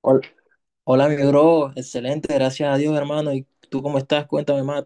Hol- Hola, mi bro, excelente, gracias a Dios, hermano. ¿Y tú cómo estás? Cuéntame más.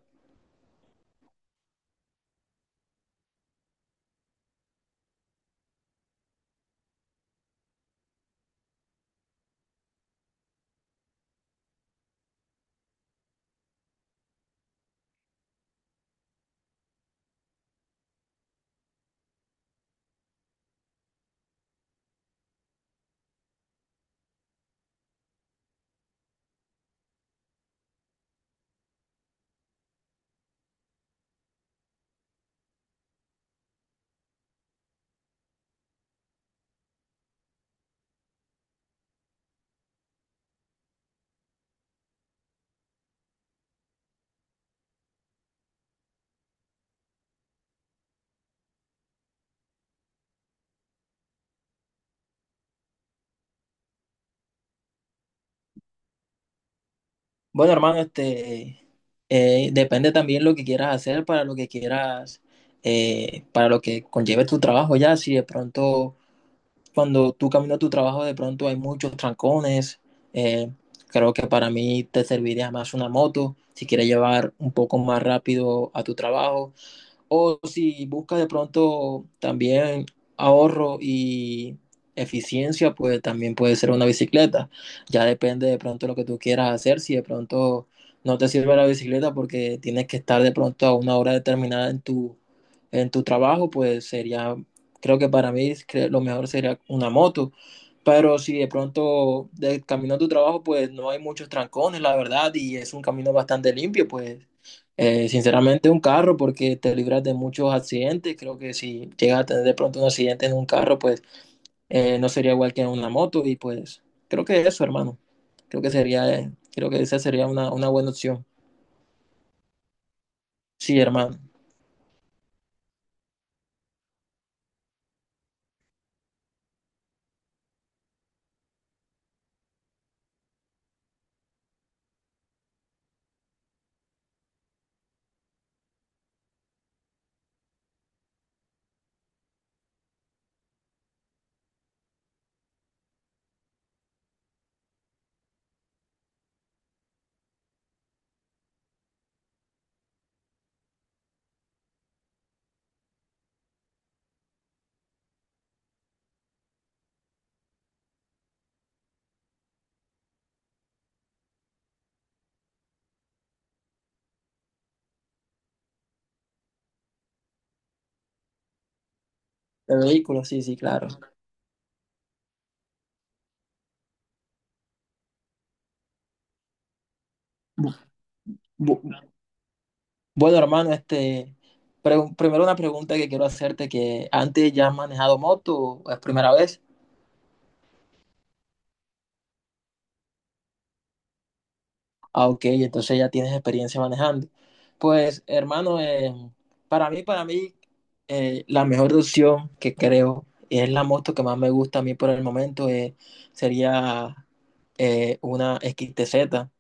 Bueno, hermano, depende también lo que quieras hacer para lo que quieras, para lo que conlleve tu trabajo ya. Si de pronto, cuando tú caminas a tu trabajo, de pronto hay muchos trancones. eh, Creo que para mí te serviría más una moto si quieres llevar un poco más rápido a tu trabajo. O si buscas de pronto también ahorro y eficiencia, pues también puede ser una bicicleta. Ya depende de pronto lo que tú quieras hacer. Si de pronto no te sirve la bicicleta porque tienes que estar de pronto a una hora determinada en tu trabajo, pues sería, creo que para mí lo mejor sería una moto. Pero si de pronto de camino a tu trabajo, pues no hay muchos trancones, la verdad, y es un camino bastante limpio, pues sinceramente, un carro, porque te libras de muchos accidentes. Creo que si llegas a tener de pronto un accidente en un carro, pues no sería igual que en una moto. Y pues creo que eso, hermano. Creo que sería, creo que esa sería una buena opción. Sí, hermano. El vehículo, sí, sí, claro. Bu- bu- bueno, hermano, primero una pregunta que quiero hacerte, que antes ya has manejado moto, ¿o es primera vez? Ah, ok, entonces ya tienes experiencia manejando. Pues, hermano, para mí, la mejor opción que creo, y es la moto que más me gusta a mí por el momento, sería una XTZ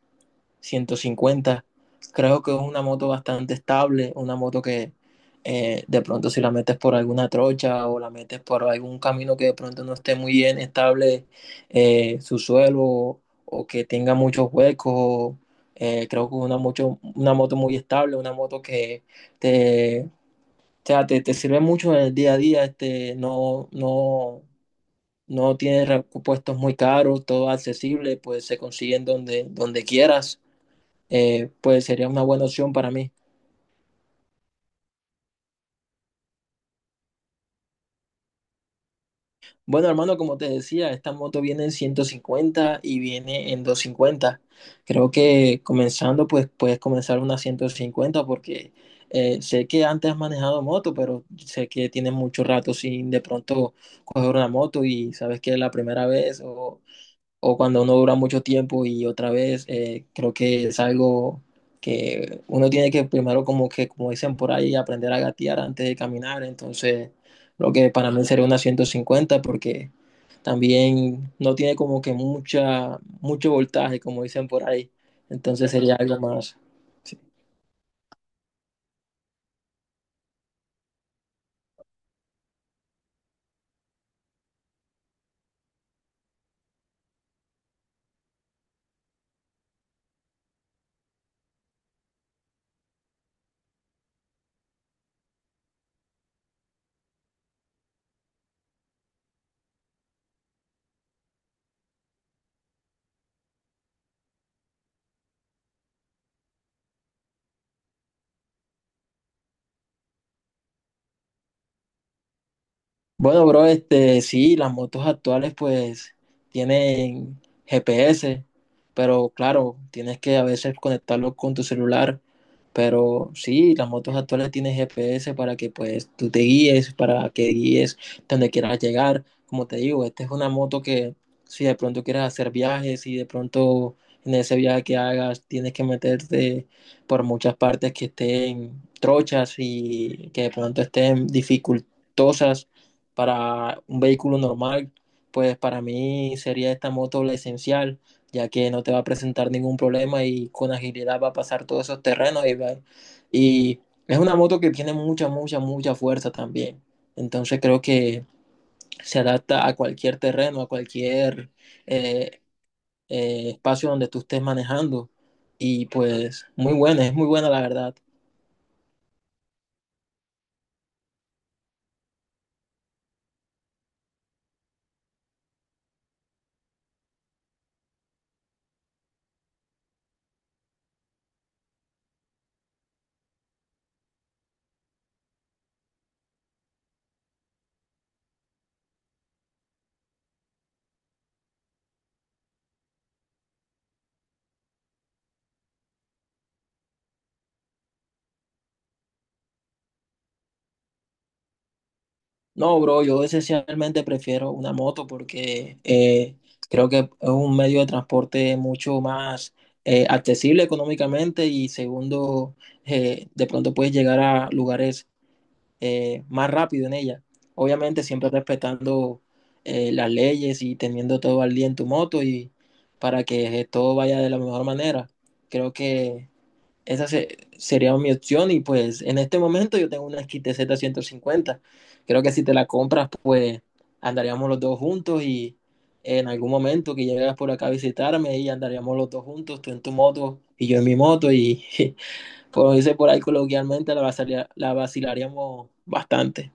150. Creo que es una moto bastante estable, una moto que de pronto si la metes por alguna trocha o la metes por algún camino que de pronto no esté muy bien estable su suelo o que tenga muchos huecos, creo que es una moto muy estable, una moto que o sea, te sirve mucho en el día a día, no, no, no tiene repuestos muy caros, todo accesible, pues se consiguen donde quieras. Pues sería una buena opción para mí. Bueno, hermano, como te decía, esta moto viene en 150 y viene en 250. Creo que comenzando, pues puedes comenzar una 150 porque sé que antes has manejado moto, pero sé que tienes mucho rato sin de pronto coger una moto y sabes que es la primera vez o cuando uno dura mucho tiempo y otra vez, creo que es algo que uno tiene que primero como que, como dicen por ahí, aprender a gatear antes de caminar. Entonces lo que para mí sería una 150, porque también no tiene como que mucho voltaje, como dicen por ahí, entonces sería algo más. Sí. Bueno, bro, sí, las motos actuales pues tienen GPS, pero claro, tienes que a veces conectarlo con tu celular, pero sí, las motos actuales tienen GPS para que pues tú te guíes, para que guíes donde quieras llegar. Como te digo, esta es una moto que si de pronto quieres hacer viajes y de pronto en ese viaje que hagas tienes que meterte por muchas partes que estén trochas y que de pronto estén dificultosas para un vehículo normal, pues para mí sería esta moto la esencial, ya que no te va a presentar ningún problema y con agilidad va a pasar todos esos terrenos y es una moto que tiene mucha, mucha, mucha fuerza también. Entonces creo que se adapta a cualquier terreno, a cualquier eh, espacio donde tú estés manejando. Y pues muy buena, es muy buena la verdad. No, bro, yo esencialmente prefiero una moto porque creo que es un medio de transporte mucho más accesible económicamente. Y segundo, de pronto puedes llegar a lugares más rápido en ella. Obviamente siempre respetando las leyes y teniendo todo al día en tu moto y para que todo vaya de la mejor manera. Creo que esa sería mi opción y pues en este momento yo tengo una XTZ 50. Creo que si te la compras pues andaríamos los dos juntos y en algún momento que llegas por acá a visitarme y andaríamos los dos juntos, tú en tu moto y yo en mi moto y como dice por ahí coloquialmente la vacilaríamos bastante.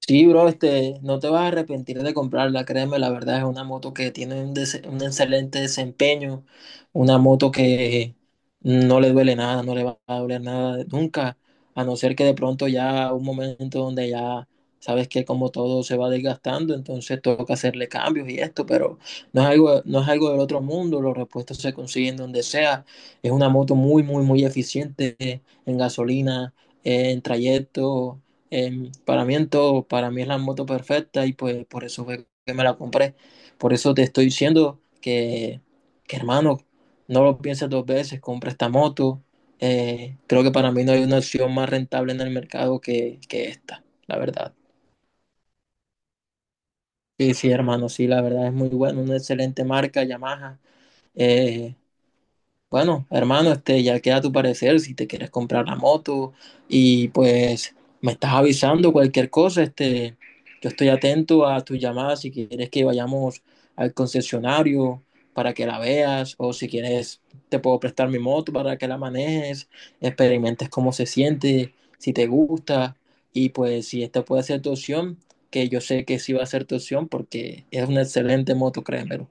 Sí, bro, no te vas a arrepentir de comprarla, créeme. La verdad es una moto que tiene un excelente desempeño, una moto que no le duele nada, no le va a doler nada nunca, a no ser que de pronto ya un momento donde ya sabes que como todo se va desgastando, entonces toca hacerle cambios y esto, pero no es algo del otro mundo. Los repuestos se consiguen donde sea, es una moto muy, muy, muy eficiente en gasolina, en trayecto. Para mí en todo, para mí es la moto perfecta, y pues por eso fue que me la compré. Por eso te estoy diciendo que, hermano, no lo pienses dos veces, compra esta moto. Creo que para mí no hay una opción más rentable en el mercado que esta, la verdad. Sí, sí, hermano, sí, la verdad es muy bueno, una excelente marca, Yamaha. Eh, Bueno, hermano, ya queda tu parecer si te quieres comprar la moto, y pues me estás avisando cualquier cosa. Yo estoy atento a tus llamadas si quieres que vayamos al concesionario para que la veas, o si quieres te puedo prestar mi moto para que la manejes, experimentes cómo se siente, si te gusta, y pues si esta puede ser tu opción, que yo sé que sí va a ser tu opción porque es una excelente moto, créemelo.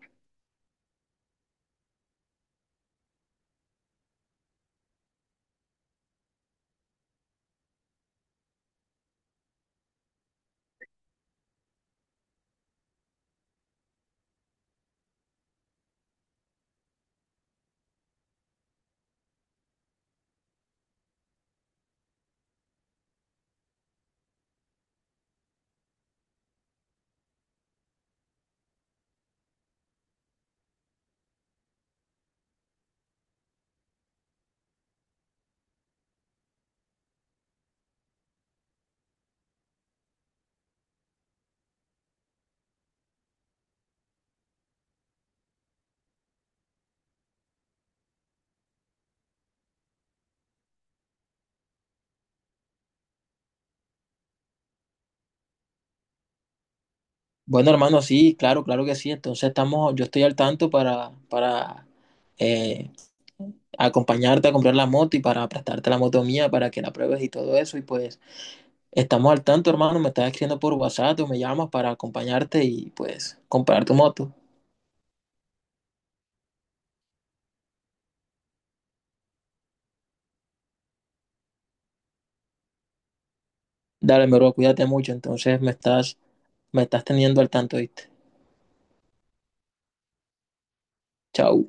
Bueno, hermano, sí, claro, claro que sí. Entonces estamos, yo estoy al tanto para eh, acompañarte a comprar la moto y para prestarte la moto mía para que la pruebes y todo eso. Y pues estamos al tanto, hermano. Me estás escribiendo por WhatsApp o me llamas para acompañarte y pues comprar tu moto. Dale, mi bro, cuídate mucho. Entonces me estás teniendo al tanto, ¿viste? Chao.